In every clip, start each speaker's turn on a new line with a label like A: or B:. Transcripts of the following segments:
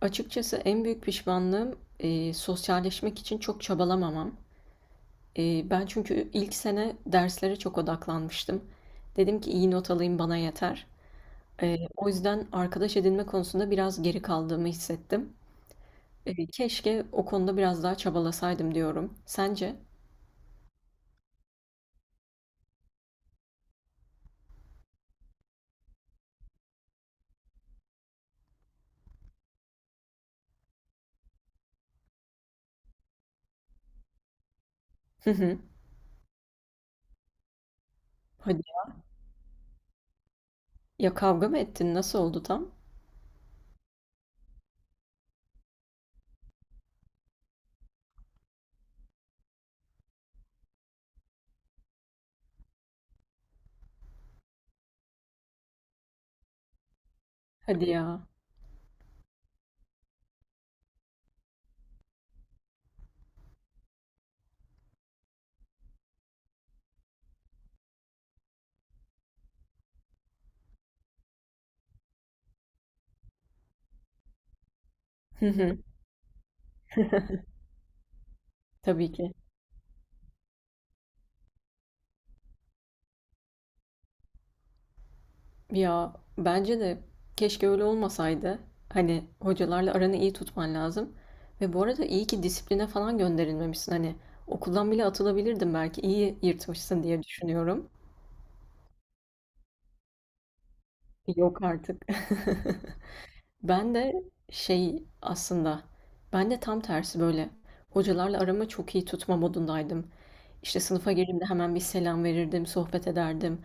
A: Açıkçası en büyük pişmanlığım, sosyalleşmek için çok çabalamamam. Ben çünkü ilk sene derslere çok odaklanmıştım. Dedim ki iyi not alayım bana yeter. O yüzden arkadaş edinme konusunda biraz geri kaldığımı hissettim. Keşke o konuda biraz daha çabalasaydım diyorum. Sence? Hı hı. Hadi. Ya kavga mı ettin? Nasıl oldu tam? Hadi ya. Hı hı. Tabii ki. Ya bence de keşke öyle olmasaydı. Hani hocalarla aranı iyi tutman lazım. Ve bu arada iyi ki disipline falan gönderilmemişsin. Hani okuldan bile atılabilirdin belki. İyi yırtmışsın diye düşünüyorum. Yok artık. Ben de şey aslında, ben de tam tersi böyle hocalarla aramı çok iyi tutma modundaydım. İşte sınıfa girdiğimde hemen bir selam verirdim, sohbet ederdim.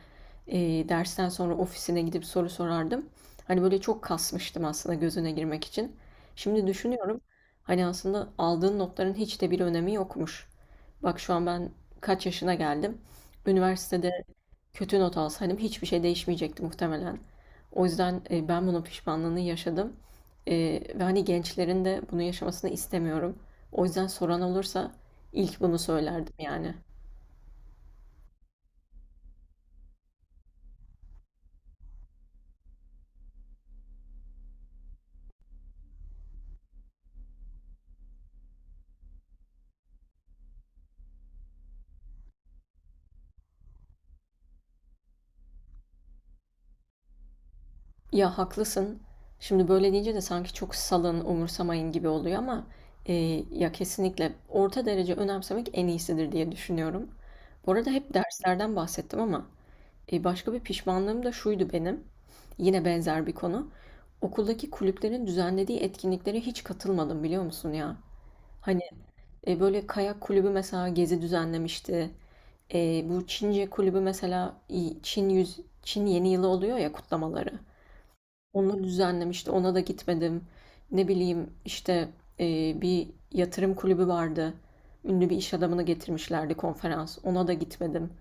A: Dersten sonra ofisine gidip soru sorardım. Hani böyle çok kasmıştım aslında gözüne girmek için. Şimdi düşünüyorum, hani aslında aldığın notların hiç de bir önemi yokmuş. Bak şu an ben kaç yaşına geldim. Üniversitede kötü not alsaydım hiçbir şey değişmeyecekti muhtemelen. O yüzden ben bunun pişmanlığını yaşadım. E, ve hani gençlerin de bunu yaşamasını istemiyorum. O yüzden soran olursa ilk bunu söylerdim yani. Ya haklısın. Şimdi böyle deyince de sanki çok salın, umursamayın gibi oluyor ama e, ya kesinlikle orta derece önemsemek en iyisidir diye düşünüyorum. Bu arada hep derslerden bahsettim ama başka bir pişmanlığım da şuydu benim. Yine benzer bir konu. Okuldaki kulüplerin düzenlediği etkinliklere hiç katılmadım biliyor musun ya? Hani böyle kayak kulübü mesela gezi düzenlemişti. Bu Çince kulübü mesela Çin yeni yılı oluyor ya kutlamaları. Onu düzenlemişti. Ona da gitmedim. Ne bileyim işte bir yatırım kulübü vardı. Ünlü bir iş adamını getirmişlerdi konferans. Ona da gitmedim.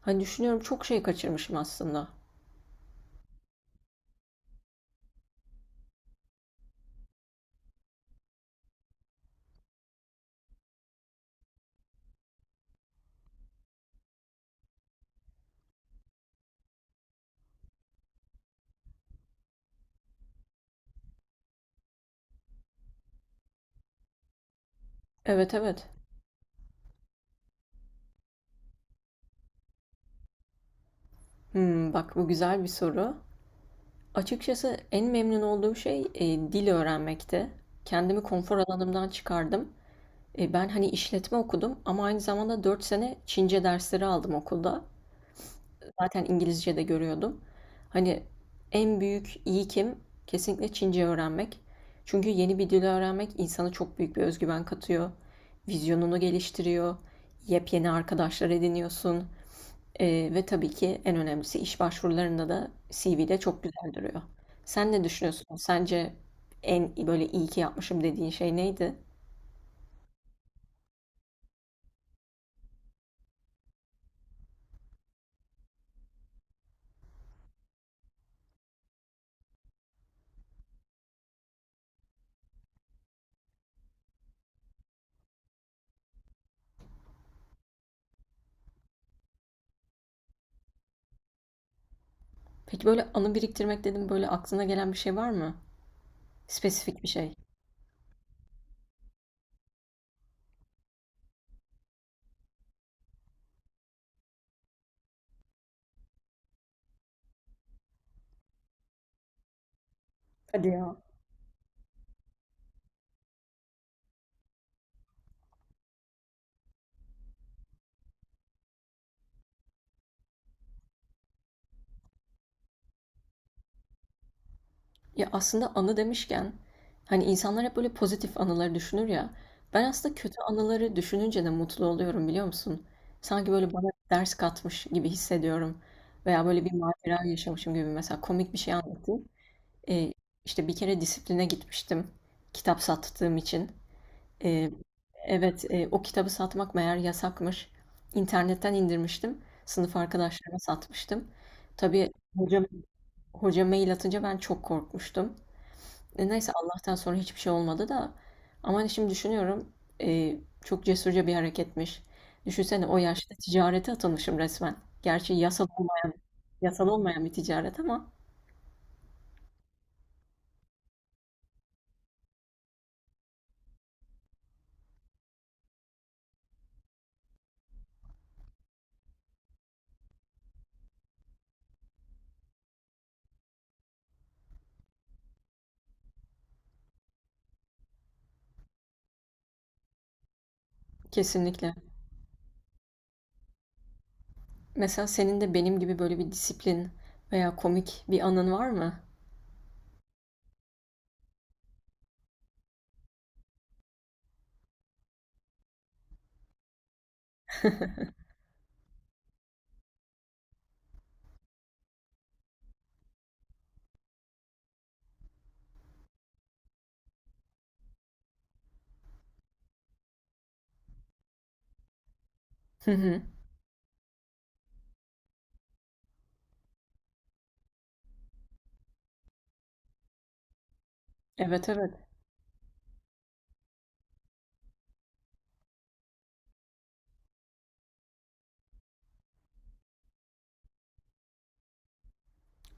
A: Hani düşünüyorum çok şey kaçırmışım aslında. Evet, evet. Hımm, bak bu güzel bir soru. Açıkçası en memnun olduğum şey, dil öğrenmekti. Kendimi konfor alanımdan çıkardım. Ben, hani, işletme okudum ama aynı zamanda 4 sene Çince dersleri aldım okulda. Zaten İngilizce de görüyordum. Hani en büyük kim kesinlikle Çince öğrenmek. Çünkü yeni bir dil öğrenmek insana çok büyük bir özgüven katıyor. Vizyonunu geliştiriyor. Yepyeni arkadaşlar ediniyorsun. Ee, ve tabii ki en önemlisi iş başvurularında da CV'de çok güzel duruyor. Sen ne düşünüyorsun? Sence en böyle iyi ki yapmışım dediğin şey neydi? Peki böyle anı biriktirmek dedim böyle aklına gelen bir şey var mı? Spesifik bir şey. Ya Ya aslında anı demişken hani insanlar hep böyle pozitif anıları düşünür ya. Ben aslında kötü anıları düşününce de mutlu oluyorum biliyor musun? Sanki böyle bana ders katmış gibi hissediyorum. Veya böyle bir macera yaşamışım gibi mesela komik bir şey anlatayım. Ee, işte bir kere disipline gitmiştim kitap sattığım için. Ee, evet o kitabı satmak meğer yasakmış. İnternetten indirmiştim. Sınıf arkadaşlarıma satmıştım. Tabii hocam, hoca mail atınca ben çok korkmuştum. Neyse Allah'tan sonra hiçbir şey olmadı da. Ama hani şimdi düşünüyorum e, çok cesurca bir hareketmiş. Düşünsene o yaşta ticarete atılmışım resmen. Gerçi yasal olmayan, yasal olmayan bir ticaret ama kesinlikle. Mesela senin de benim gibi böyle bir disiplin veya komik bir anın var mı? Hı hı. Evet evet.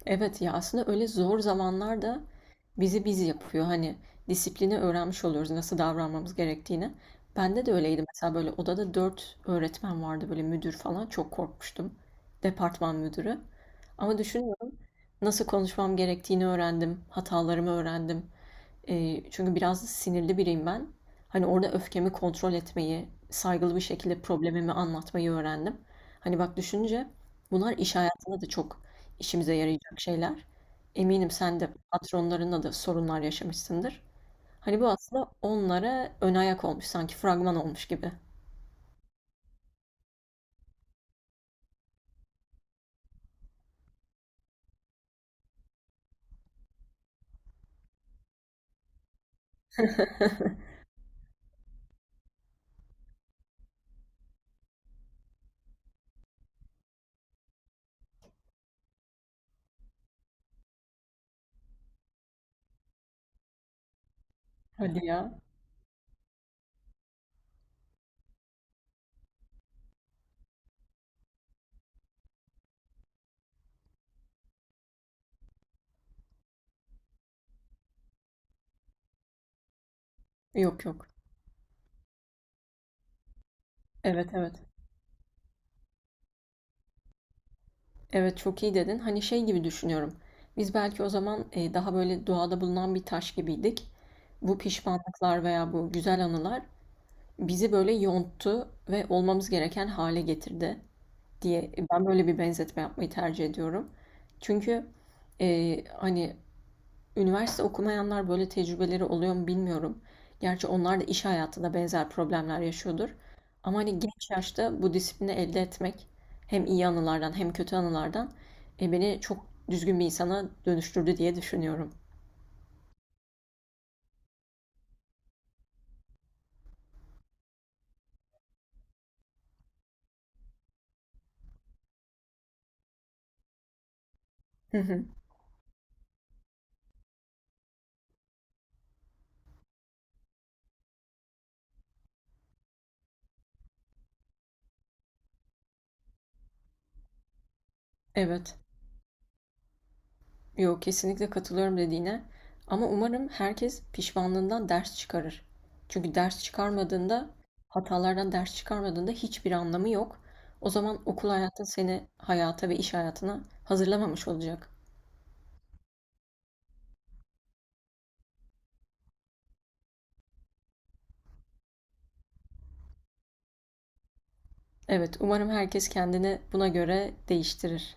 A: Evet ya aslında öyle zor zamanlarda bizi biz yapıyor. Hani disiplini öğrenmiş oluyoruz nasıl davranmamız gerektiğini. Bende de öyleydi mesela böyle odada dört öğretmen vardı böyle müdür falan çok korkmuştum. Departman müdürü. Ama düşünüyorum nasıl konuşmam gerektiğini öğrendim, hatalarımı öğrendim. Çünkü biraz sinirli biriyim ben. Hani orada öfkemi kontrol etmeyi, saygılı bir şekilde problemimi anlatmayı öğrendim. Hani bak düşünce, bunlar iş hayatında da çok işimize yarayacak şeyler. Eminim sen de patronlarınla da sorunlar yaşamışsındır. Hani bu aslında onlara ön ayak olmuş, sanki fragman olmuş gibi. Hadi ya. Yok yok. Evet evet. Evet, çok iyi dedin. Hani şey gibi düşünüyorum. Biz belki o zaman daha böyle doğada bulunan bir taş gibiydik. Bu pişmanlıklar veya bu güzel anılar bizi böyle yonttu ve olmamız gereken hale getirdi diye ben böyle bir benzetme yapmayı tercih ediyorum. Çünkü hani üniversite okumayanlar böyle tecrübeleri oluyor mu bilmiyorum. Gerçi onlar da iş hayatında benzer problemler yaşıyordur. Ama hani genç yaşta bu disiplini elde etmek hem iyi anılardan hem kötü anılardan beni çok düzgün bir insana dönüştürdü diye düşünüyorum. Hı hı. Evet. Yok kesinlikle katılıyorum dediğine. Ama umarım herkes pişmanlığından ders çıkarır. Çünkü ders çıkarmadığında, hatalardan ders çıkarmadığında hiçbir anlamı yok. O zaman okul hayatın seni hayata ve iş hayatına hazırlamamış olacak. Evet, umarım herkes kendini buna göre değiştirir.